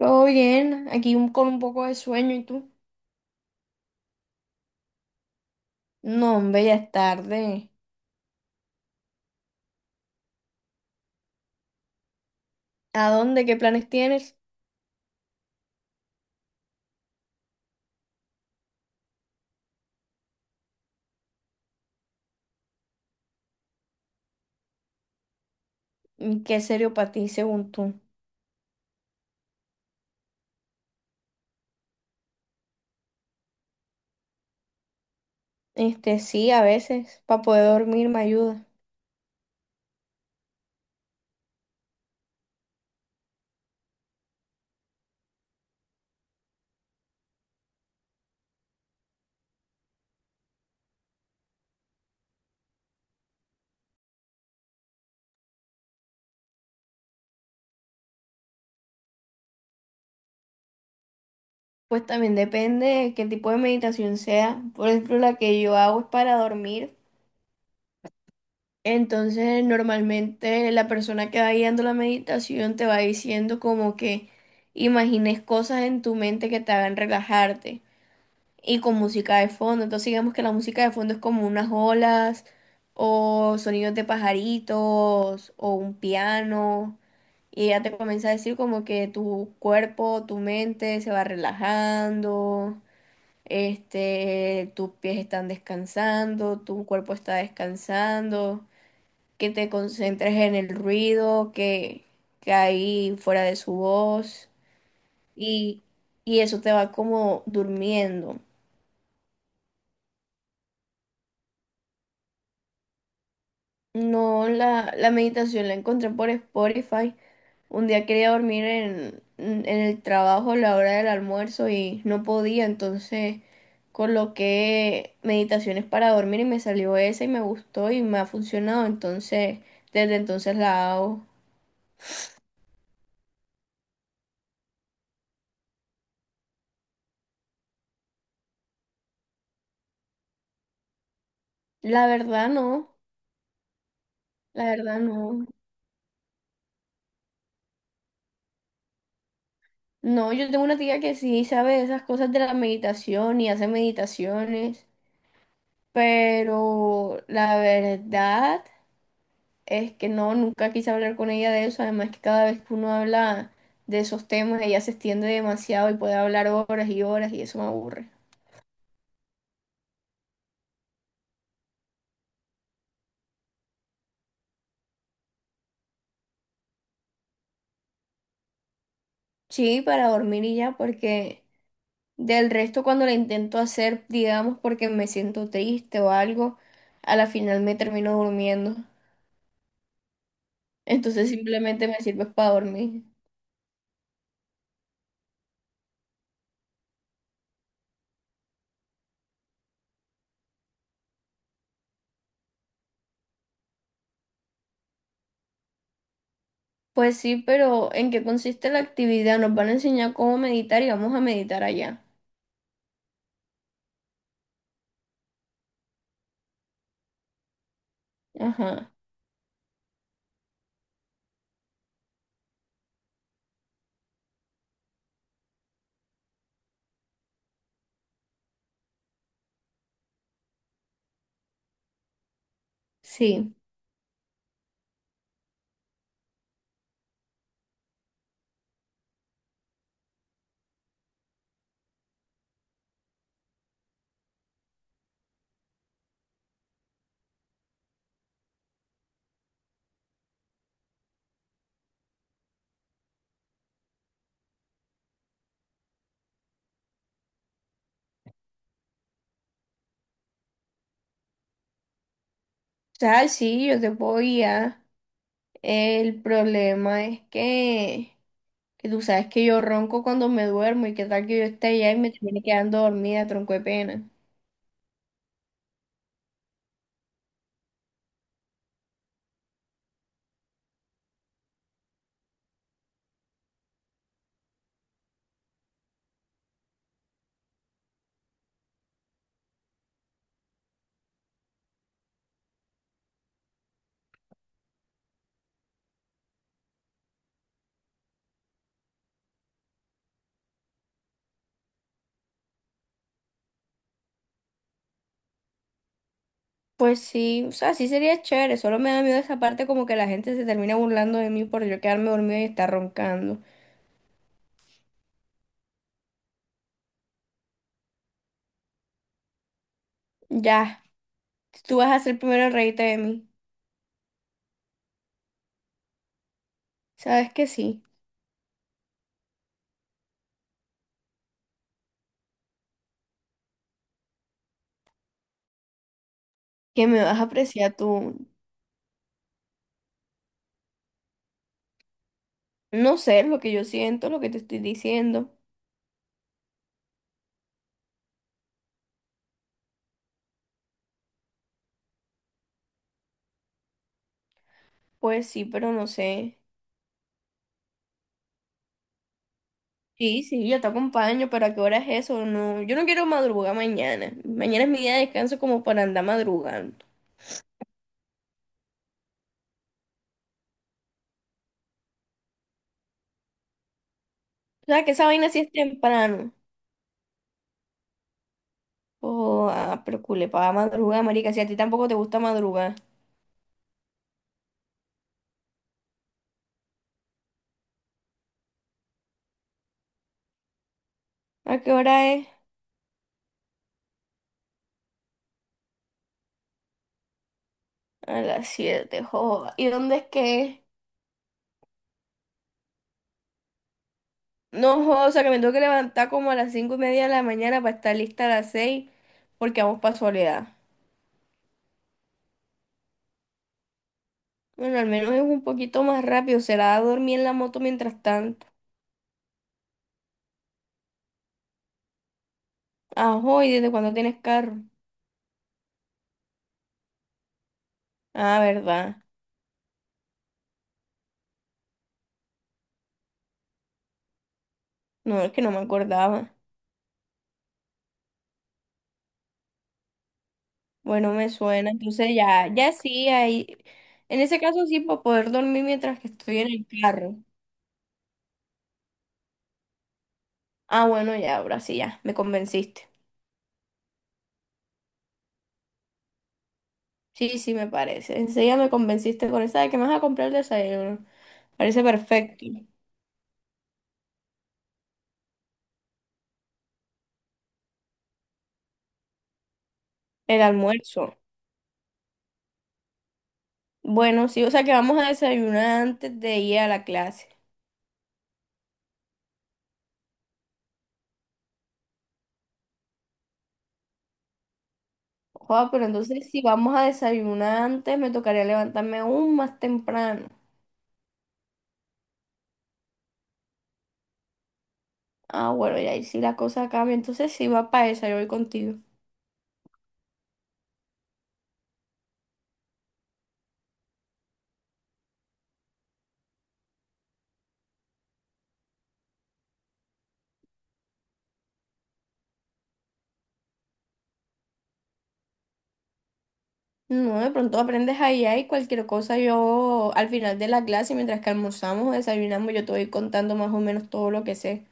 Todo bien, aquí con un poco de sueño y tú. No, hombre, ya es tarde. ¿A dónde? ¿Qué planes tienes? ¿Qué es serio para ti, según tú? Este, sí, a veces, para poder dormir me ayuda. Pues también depende de qué tipo de meditación sea. Por ejemplo, la que yo hago es para dormir. Entonces, normalmente la persona que va guiando la meditación te va diciendo como que imagines cosas en tu mente que te hagan relajarte. Y con música de fondo. Entonces digamos que la música de fondo es como unas olas o sonidos de pajaritos o un piano y ya te comienza a decir como que tu cuerpo, tu mente se va relajando, este, tus pies están descansando, tu cuerpo está descansando, que te concentres en el ruido que hay fuera de su voz y, y eso te va como durmiendo. No, la meditación la encontré por Spotify. Un día quería dormir en el trabajo a la hora del almuerzo y no podía, entonces coloqué meditaciones para dormir y me salió esa y me gustó y me ha funcionado, entonces desde entonces la hago. La verdad no, la verdad no. No, yo tengo una tía que sí sabe esas cosas de la meditación y hace meditaciones, pero la verdad... Es que no, nunca quise hablar con ella de eso, además que cada vez que uno habla de esos temas, ella se extiende demasiado y puede hablar horas y horas y eso me aburre. Sí, para dormir y ya, porque del resto cuando la intento hacer, digamos, porque me siento triste o algo, a la final me termino durmiendo. Entonces simplemente me sirve para dormir. Pues sí, pero ¿en qué consiste la actividad? Nos van a enseñar cómo meditar y vamos a meditar allá. Ajá, sí. O sea, sí, yo te puedo guiar. El problema es que tú sabes que yo ronco cuando me duermo y qué tal que yo esté allá y me termine quedando dormida, tronco de pena. Pues sí, o sea, sí sería chévere, solo me da miedo esa parte como que la gente se termina burlando de mí por yo quedarme dormida y estar roncando. Ya, tú vas a ser primero el reírte de mí. Sabes que sí, que me vas a apreciar tú. No sé lo que yo siento, lo que te estoy diciendo. Pues sí, pero no sé. Sí, sí, yo te acompaño, pero ¿a qué hora es eso? No, yo no quiero madrugar mañana. Mañana es mi día de descanso como para andar madrugando. O sea, que esa vaina sí es temprano. Oh, ah, pero culepa, va a madrugar, marica, si a ti tampoco te gusta madrugar. ¿A qué hora es? A las 7, joda. ¿Y dónde es que es? No, joda, o sea, que me tengo que levantar como a las 5:30 de la mañana para estar lista a las 6 porque vamos para Soledad. Bueno, al menos es un poquito más rápido, será dormir en la moto mientras tanto. Ajo, ¿y desde cuándo tienes carro? Ah, ¿verdad? No, es que no me acordaba. Bueno, me suena. Entonces ya, ya sí, ahí. En ese caso sí, para poder dormir mientras que estoy en el carro. Ah, bueno, ya, ahora sí, ya, me convenciste. Sí, sí, me parece. Enseguida me convenciste con esa de que me vas a comprar el desayuno. Parece perfecto. El almuerzo. Bueno, sí, o sea que vamos a desayunar antes de ir a la clase. Wow, pero entonces si vamos a desayunar antes, me tocaría levantarme aún más temprano. Ah, bueno, y ahí sí la cosa cambia. Entonces sí va para esa, yo voy contigo. No, de pronto aprendes ahí, ahí cualquier cosa. Yo al final de la clase, mientras que almorzamos o desayunamos, yo te voy contando más o menos todo lo que sé.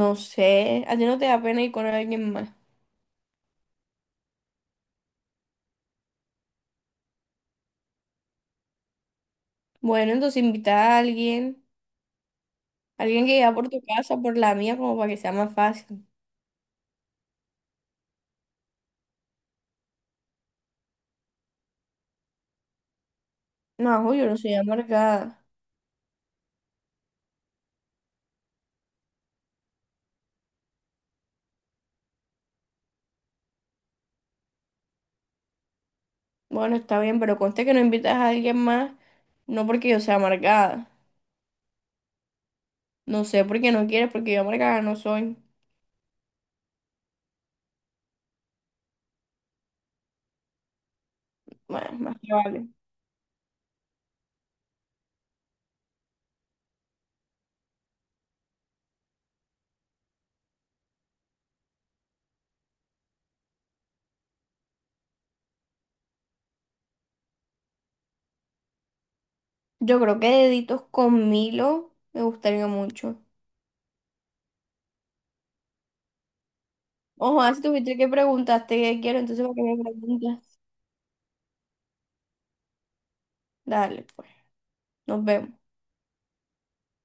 No sé, a ti no te da pena ir con alguien más. Bueno, entonces invita a alguien, alguien que ya por tu casa, por la mía, como para que sea más fácil. No, yo no soy amargada. Bueno, está bien, pero conste que no invitas a alguien más, no porque yo sea amargada. No sé por qué no quieres, porque yo amargada no soy. Bueno, más que vale. Yo creo que deditos con Milo me gustaría mucho. Ojo, ah, si tuviste que preguntaste qué quiero, entonces para qué me preguntas. Dale, pues, nos vemos.